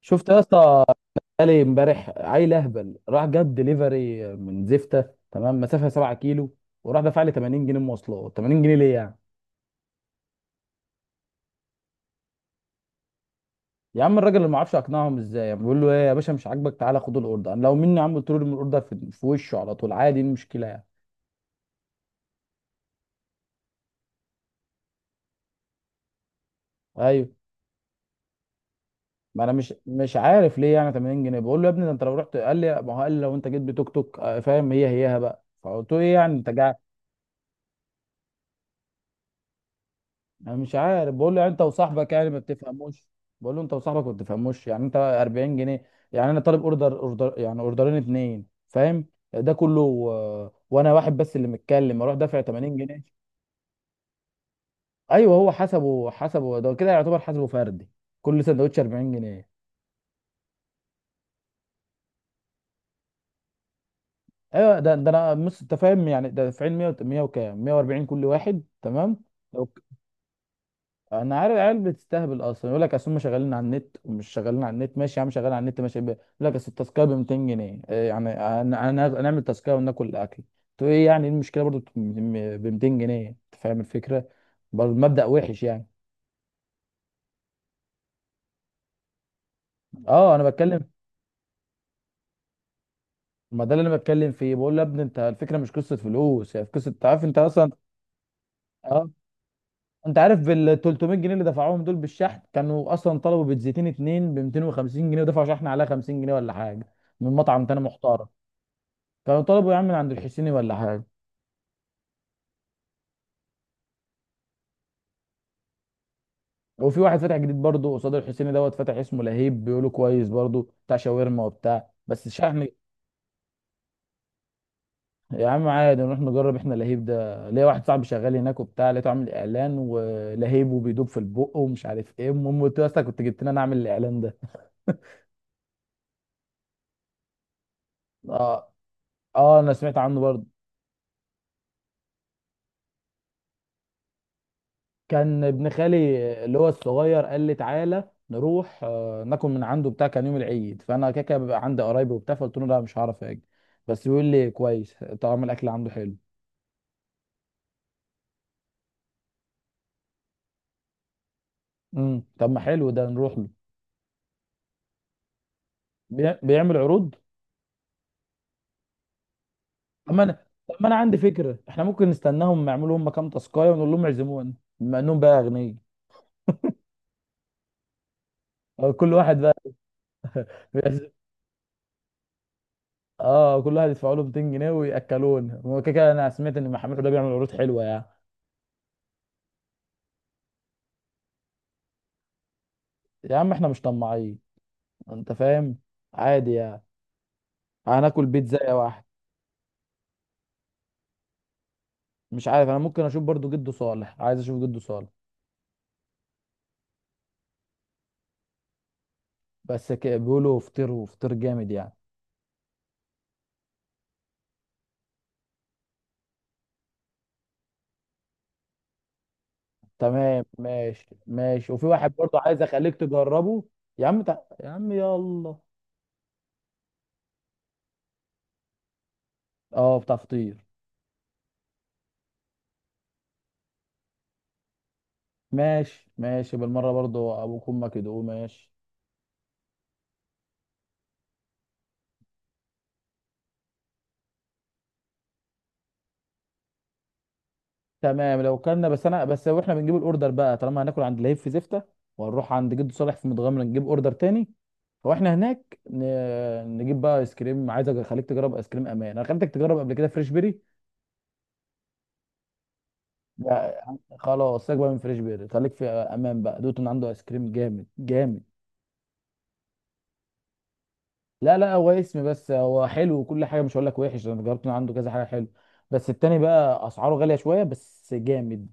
شفت يا اسطى؟ قالي امبارح عيل اهبل راح جاب دليفري من زفته، تمام مسافه 7 كيلو، وراح دفع لي 80 جنيه مواصلات. 80 جنيه ليه يعني؟ يا عم الراجل اللي ما اعرفش اقنعهم ازاي، يعني بيقول له ايه يا باشا، مش عاجبك تعالى خد الاوردر. انا لو مني يا عم قلت له ارمي الاوردر في وشه على طول، عادي، ايه المشكله يعني؟ ايوه، ما انا مش عارف ليه يعني 80 جنيه. بقول له يا ابني ده انت لو رحت، قال لي، ما هو قال لي لو انت جيت بتوك توك فاهم، هي هيها بقى. فقلت له ايه يعني انت. انا مش عارف، بقول له يعني انت وصاحبك يعني ما بتفهموش. بقول له انت وصاحبك ما بتفهموش، يعني انت 40 جنيه، يعني انا طالب اوردر اوردر يعني اوردرين اتنين فاهم. ده كله وانا واحد بس اللي متكلم اروح دافع 80 جنيه. ايوه هو حسبه ده كده يعتبر حسبه فردي، كل سندوتش 40 جنيه. ايوه ده انا مش انت فاهم يعني، ده دافعين 100 100 وكام 140 كل واحد، تمام. انا عارف العيال بتستهبل اصلا. يقول لك اصل هم شغالين على النت ومش شغالين على النت. ماشي يا عم، شغال على النت ماشي. يقول لك اصل التاسكيه ب 200 جنيه. إيه يعني؟ انا نعمل تاسكيه وناكل الاكل. تو ايه يعني، إيه المشكله برضو ب 200 جنيه؟ انت فاهم الفكره، برضو المبدأ وحش يعني. اه انا بتكلم. ما ده اللي انا بتكلم فيه، بقول له يا ابني انت الفكره مش قصه فلوس، هي في قصه، انت عارف انت اصلا. اه. انت عارف بال 300 جنيه اللي دفعوهم دول بالشحن؟ كانوا اصلا طلبوا بيتزيتين اتنين ب 250 جنيه، ودفعوا شحن عليها 50 جنيه ولا حاجه، من مطعم تاني محترم. كانوا طلبوا يا عم من عند الحسيني ولا حاجه. وفي واحد فتح جديد برضه قصاد الحسيني دوت، فتح اسمه لهيب، بيقولوا كويس برضه، بتاع شاورما وبتاع، بس شحن. يا عم عادي نروح نجرب احنا لهيب ده، ليا واحد صاحبي شغال هناك وبتاع، لقيته عامل اعلان ولهيب وبيدوب في البق ومش عارف ايه. المهم قلت له يا اسطى كنت جبت لنا، اعمل الاعلان ده. اه. اه انا سمعت عنه برضه. كان ابن خالي اللي هو الصغير قال لي تعالى نروح ناكل من عنده بتاع، كان يوم العيد، فانا كده كده بيبقى عندي قرايبي وبتاع، فقلت له لا مش هعرف اجي. بس بيقول لي كويس، طعم الاكل عنده حلو. طب ما حلو ده، نروح له. بيعمل عروض. طب ما انا عندي فكره، احنا ممكن نستناهم يعملوا هم كام تاسكايه ونقول لهم اعزمونا، بما انهم بقى اغنياء. كل واحد بقى. بيعزم- اه، كل واحد يدفع له 200 جنيه وياكلونا، هو كده كده انا سمعت ان محمد ده بيعمل عروض حلوه يعني. يا عم احنا مش طماعين، انت فاهم، عادي يعني، هناكل بيتزا واحد. مش عارف، انا ممكن اشوف برضو جدو صالح، عايز اشوف جدو صالح. بس بيقولوا فطير، وفطير جامد يعني. تمام، ماشي ماشي، وفي واحد برضو عايز اخليك تجربه. يا عم يلا. اه بتاع فطير. ماشي ماشي بالمره، برضو ابوك وامك يدوقوه، ماشي. تمام، لو كنا بس انا بس، واحنا بنجيب الاوردر بقى طالما هناكل عند لهيب في زفته، وهنروح عند جد صالح في متغمره نجيب اوردر تاني. واحنا هناك نجيب بقى ايس كريم، عايزك اخليك تجرب ايس كريم امان، انا خليتك تجرب قبل كده فريش بيري. لا، خلاص سيبك بقى من فريش بيري، خليك في امان بقى دوت ان عنده ايس كريم جامد جامد. لا لا هو اسم بس، هو حلو وكل حاجه، مش هقول لك وحش، انا جربت من عنده كذا حاجه حلو، بس التاني بقى اسعاره غاليه شويه، بس جامد.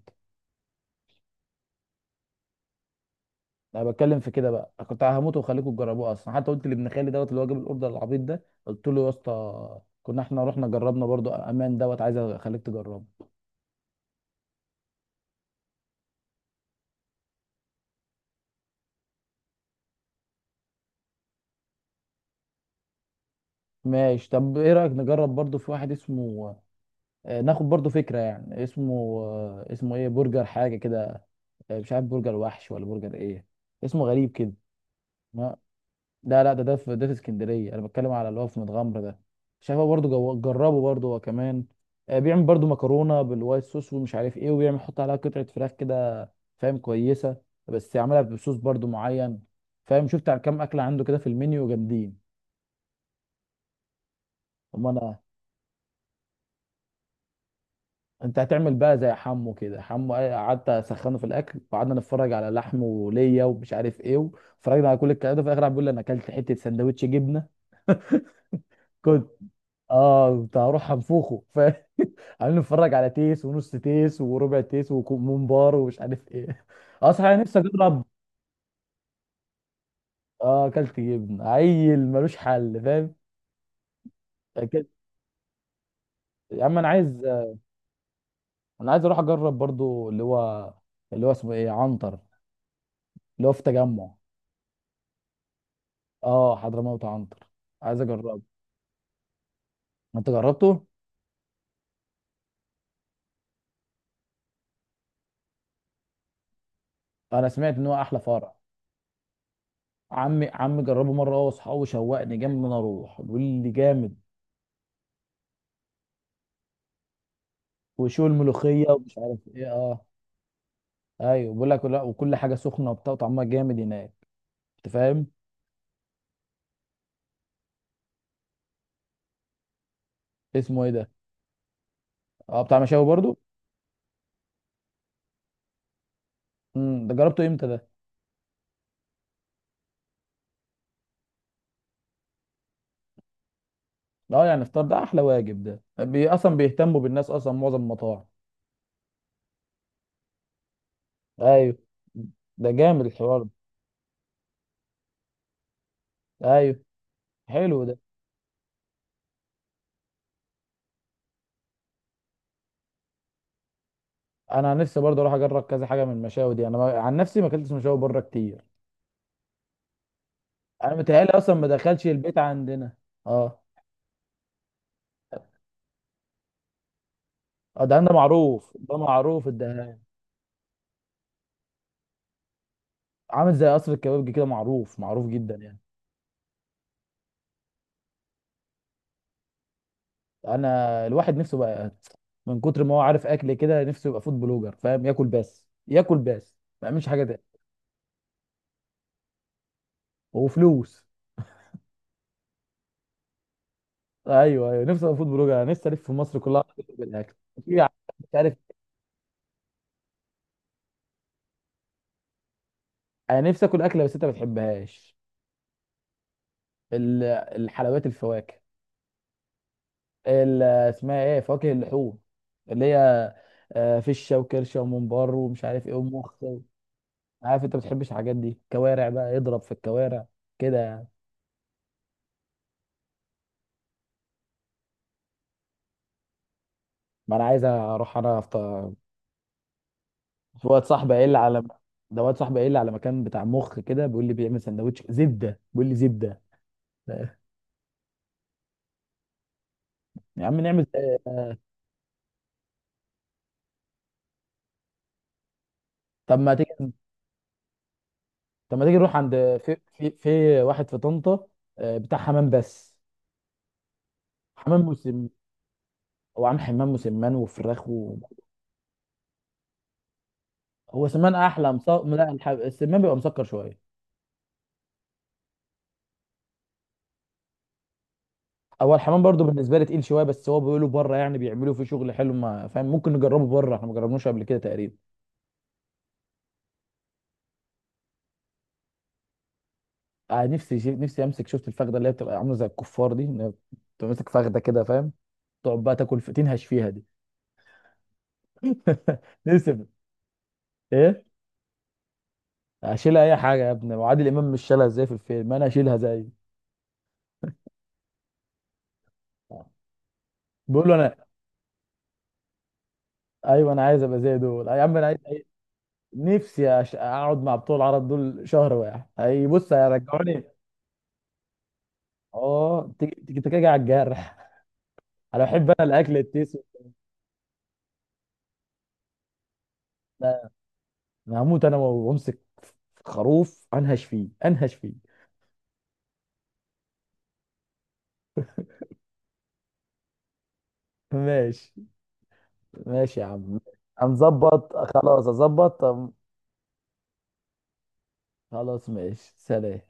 انا بتكلم في كده بقى، أنا كنت هموت واخليكم تجربوه اصلا، حتى قلت لابن خالي دوت اللي هو جاب الاوردر العبيط ده، قلت له يا اسطى، كنا احنا رحنا جربنا برضو امان دوت، عايز اخليك تجربه. ماشي. طب ايه رايك نجرب برضو في واحد اسمه، ناخد برضو فكره يعني، اسمه اسمه ايه، برجر حاجه كده. مش عارف برجر وحش ولا برجر ايه، اسمه غريب كده. لا لا، ده في اسكندريه، انا بتكلم على اللي هو في متغمر ده. شايفه برضو جربه برضو هو كمان. بيعمل برضو مكرونه بالوايت صوص ومش عارف ايه، وبيعمل يحط عليها قطعه فراخ كده، فاهم، كويسه، بس يعملها بصوص برضو معين، فاهم، شفت على كام اكله عنده كده في المنيو، جامدين. اما انا، انت هتعمل بقى زي حمو كده. حمو قعدت اسخنه في الاكل، وقعدنا نتفرج على لحمه وليا ومش عارف ايه، وفرجنا على كل الكلام ده، في الاخر قاعد بيقول لي انا اكلت حته سندوتش جبنه. كنت، اه كنت هروح انفخه. عمالين نتفرج على تيس ونص تيس وربع تيس وممبار ومش عارف ايه. اه صحيح، أنا نفسي اجرب. اه اكلت جبن، عيل ملوش حل فاهم. أكلت- يا عم انا عايز اروح اجرب برضو اللي هو، اللي هو اسمه ايه، عنتر، اللي هو في تجمع. اه حضرموت عنتر، عايز اجربه. انت جربته؟ انا سمعت ان هو احلى فرع. عمي عمي جربه مره هو واصحابه، شوقني جامد ان انا اروح، بيقول لي جامد. وشو الملوخيه ومش عارف ايه، اه. ايوه بيقول لك لا، وكل حاجه سخنه وبتاع وطعمها جامد هناك، انت فاهم. اسمه ايه ده؟ اه بتاع مشاوي برضو. ده جربته امتى ده؟ اه يعني الفطار ده احلى واجب، ده بي اصلا بيهتموا بالناس اصلا معظم المطاعم. ايوه، ده جامد الحوار ده. ايوه، حلو ده. انا عن نفسي برضه اروح اجرب كذا حاجه من المشاوي دي. انا عن نفسي ما اكلتش مشاوي بره كتير، انا متهيألي اصلا ما دخلش البيت عندنا. اه. اه ده عندنا معروف، ده معروف الدهان، عامل زي قصر الكبابجي كده، معروف معروف جدا يعني. انا الواحد نفسه بقى، من كتر ما هو عارف اكل كده، نفسه يبقى فود بلوجر، فاهم، ياكل بس ياكل بس ما يعملش حاجه تاني. وفلوس. ايوه ايوه، نفسي ابقى فود بلوجر، انا نفسي الف في مصر كلها بالاكل. في ع- مش عارف. انا نفسي اكل اكله بس انت ما بتحبهاش، ال- الحلويات، الفواكه، اسمها ايه، فواكه اللحوم، اللي هي فشه وكرشه وممبار ومش عارف ايه ومخ. عارف انت ما بتحبش الحاجات دي، كوارع بقى، اضرب في الكوارع كده يعني. ما انا عايز اروح انا افطر. في واد صاحبي قايل لي على، ده واد صاحبي قايل لي على مكان بتاع مخ كده، بيقول لي بيعمل سندوتش زبده، بيقول لي زبده. يا عم نعمل آه، طب ما تيجي، نروح عند، في واحد في طنطا، بتاع حمام بس. حمام مسم هو عامل حمام مسمان وفراخ هو سمان احلى لا، السمان بيبقى مسكر شويه. هو الحمام برضو بالنسبه لي تقيل شويه، بس هو بيقولوا بره يعني بيعملوا فيه شغل حلو، ما فاهم، ممكن نجربه بره، احنا ما جربناش قبل كده تقريبا. آه نفسي نفسي امسك، شفت الفخده اللي هي بتبقى عامله زي الكفار دي، إن هي بتبقى ماسك فخده كده فاهم، تقعد بقى تاكل تنهش فيها دي. نفسي في- ايه. اشيلها اي حاجه يا ابني، وعادل امام مش شالها ازاي في الفيلم، انا اشيلها زي. بقول له انا. ايوه انا عايز ابقى زي دول يا عم، نفسي اقعد مع بتوع العرب دول شهر واحد، اي بص هيرجعوني. اه تيجي تيجي تيجي على الجرح. انا بحب، انا الاكل التيسو. لا، انا هموت انا وامسك خروف انهش فيه انهش فيه. ماشي. ماشي يا عم. هنظبط، خلاص اظبط. طب خلاص ماشي، سلام.